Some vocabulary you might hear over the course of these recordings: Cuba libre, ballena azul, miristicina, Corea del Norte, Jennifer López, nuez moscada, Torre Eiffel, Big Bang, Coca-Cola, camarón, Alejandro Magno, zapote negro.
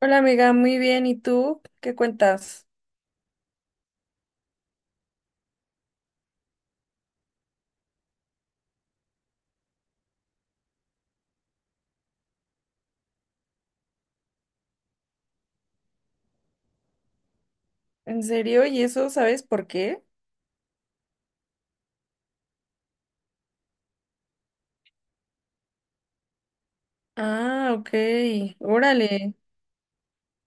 Hola amiga, muy bien. ¿Y tú? ¿Qué cuentas? ¿En serio? ¿Y eso sabes por qué? Ah, ok. Órale.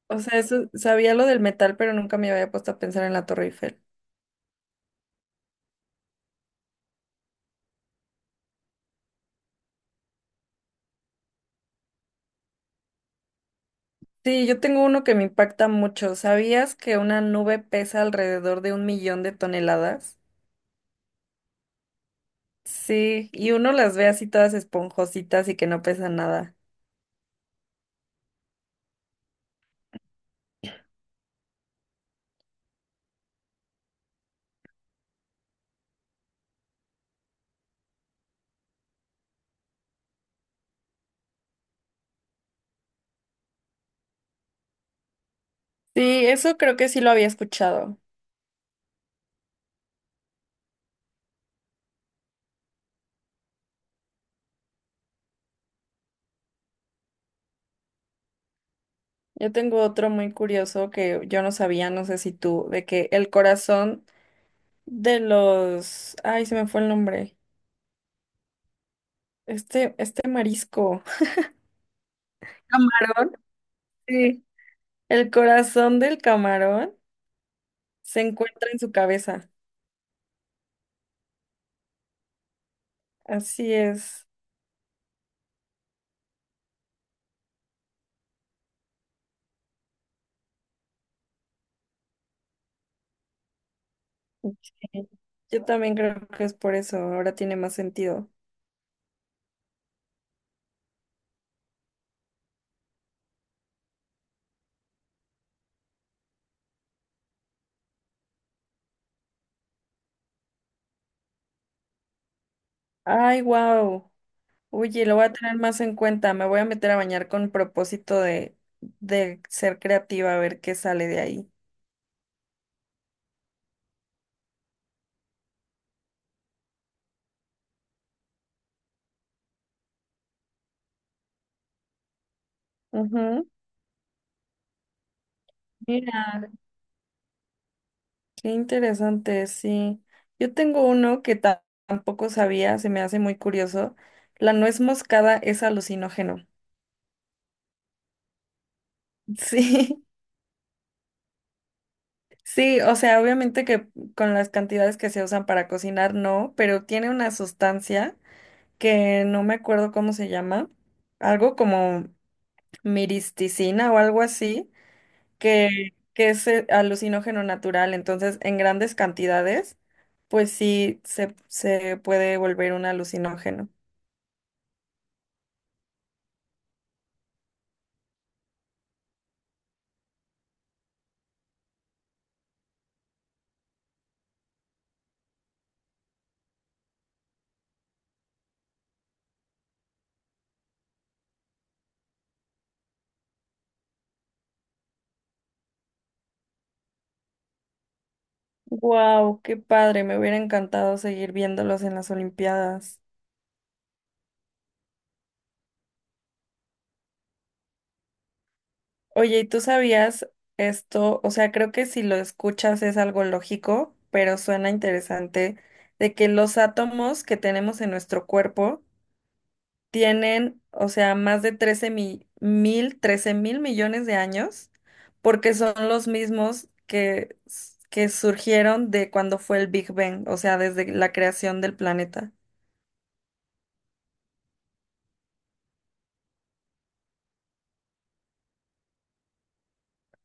O sea, eso, sabía lo del metal, pero nunca me había puesto a pensar en la Torre Eiffel. Sí, yo tengo uno que me impacta mucho. ¿Sabías que una nube pesa alrededor de 1 millón de toneladas? Sí, y uno las ve así todas esponjositas y que no pesan nada. Sí, eso creo que sí lo había escuchado. Yo tengo otro muy curioso que yo no sabía, no sé si tú, de que el corazón de los, ay, se me fue el nombre. Este marisco. Camarón. Sí. El corazón del camarón se encuentra en su cabeza. Así es. Sí. Yo también creo que es por eso. Ahora tiene más sentido. Ay, wow. Oye, lo voy a tener más en cuenta. Me voy a meter a bañar con propósito de ser creativa, a ver qué sale de ahí. Ujú. Mira. Qué interesante, sí. Yo tengo uno que tampoco sabía, se me hace muy curioso. La nuez moscada es alucinógeno. Sí, sí, o sea, obviamente que con las cantidades que se usan para cocinar, no, pero tiene una sustancia que no me acuerdo cómo se llama, algo como miristicina o algo así, que es alucinógeno natural, entonces en grandes cantidades, pues sí, se puede volver un alucinógeno. Wow, qué padre, me hubiera encantado seguir viéndolos en las Olimpiadas. Oye, ¿y tú sabías esto? O sea, creo que si lo escuchas es algo lógico, pero suena interesante, de que los átomos que tenemos en nuestro cuerpo tienen, o sea, más de 13.000 millones de años, porque son los mismos que surgieron de cuando fue el Big Bang, o sea, desde la creación del planeta.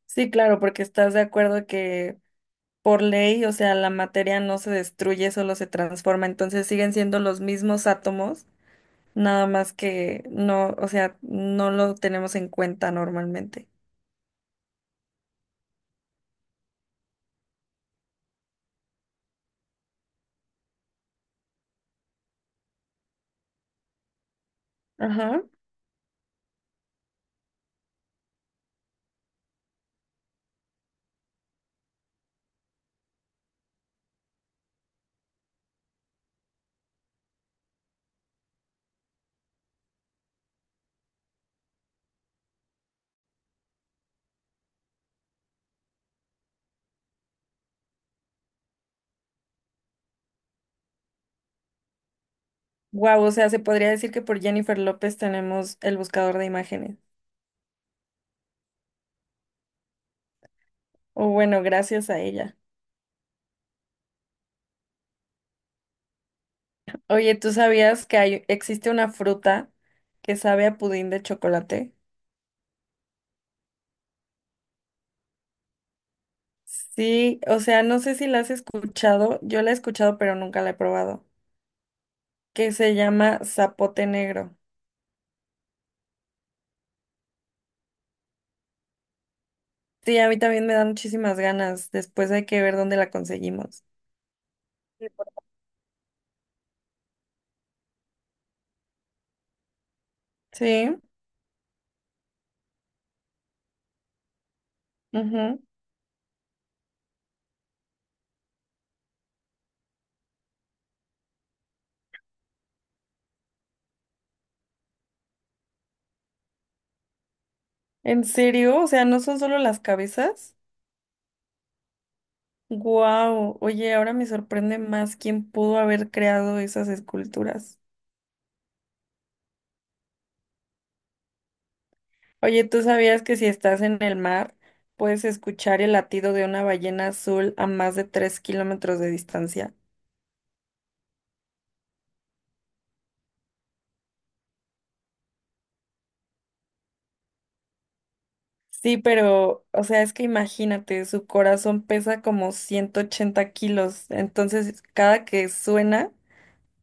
Sí, claro, porque estás de acuerdo que por ley, o sea, la materia no se destruye, solo se transforma, entonces siguen siendo los mismos átomos, nada más que no, o sea, no lo tenemos en cuenta normalmente. Ajá. Wow, o sea, se podría decir que por Jennifer López tenemos el buscador de imágenes. O bueno, gracias a ella. Oye, ¿tú sabías que hay, existe una fruta que sabe a pudín de chocolate? Sí, o sea, no sé si la has escuchado, yo la he escuchado, pero nunca la he probado, que se llama zapote negro. Sí, a mí también me dan muchísimas ganas. Después hay que ver dónde la conseguimos. Sí, por- Sí, ujú. ¿En serio? O sea, ¿no son solo las cabezas? Wow. Oye, ahora me sorprende más quién pudo haber creado esas esculturas. Oye, ¿tú sabías que si estás en el mar, puedes escuchar el latido de una ballena azul a más de 3 kilómetros de distancia? Sí, pero, o sea, es que imagínate, su corazón pesa como 180 kilos, entonces cada que suena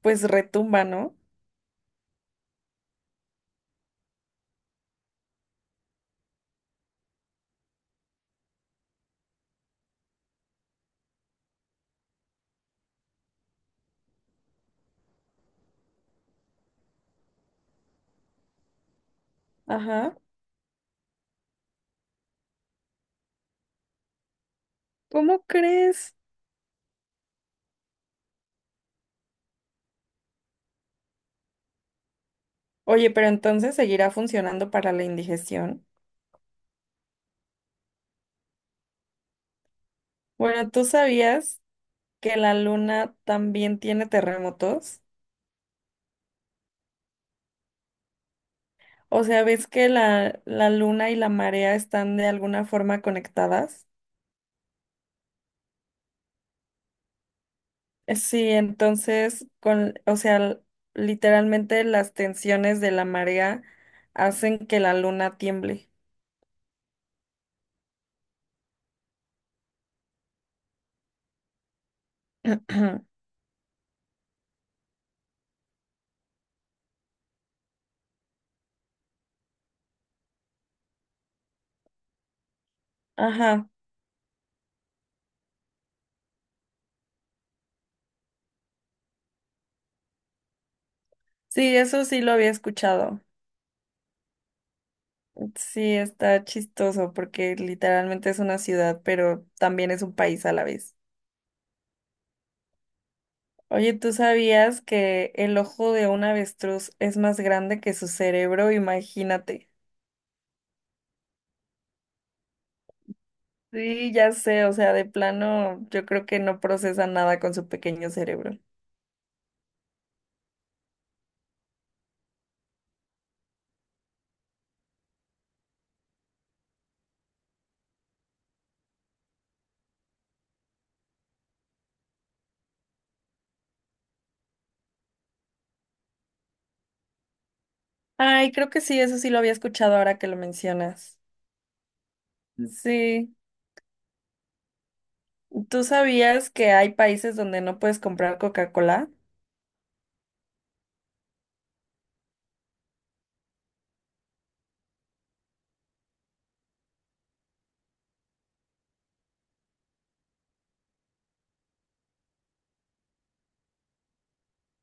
pues retumba, ¿no? Ajá. ¿Cómo crees? Oye, pero entonces seguirá funcionando para la indigestión. Bueno, ¿tú sabías que la luna también tiene terremotos? O sea, ¿ves que la luna y la marea están de alguna forma conectadas? Sí, entonces, o sea, literalmente las tensiones de la marea hacen que la luna tiemble. Ajá. Sí, eso sí lo había escuchado. Sí, está chistoso porque literalmente es una ciudad, pero también es un país a la vez. Oye, ¿tú sabías que el ojo de un avestruz es más grande que su cerebro? Imagínate. Sí, ya sé, o sea, de plano yo creo que no procesa nada con su pequeño cerebro. Ay, creo que sí, eso sí lo había escuchado ahora que lo mencionas. Sí, ¿tú sabías que hay países donde no puedes comprar Coca-Cola?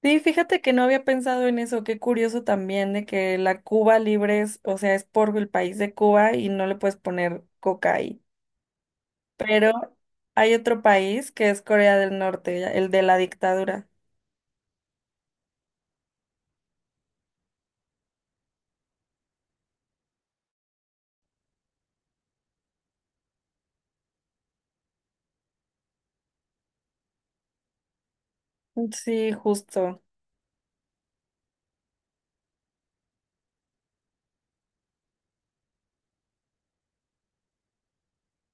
Sí, fíjate que no había pensado en eso, qué curioso también de que la Cuba libre es, o sea, es por el país de Cuba y no le puedes poner coca ahí. Pero hay otro país que es Corea del Norte, el de la dictadura. Sí, justo.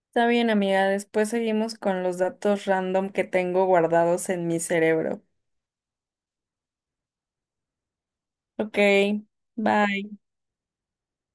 Está bien, amiga, después seguimos con los datos random que tengo guardados en mi cerebro. Ok, bye.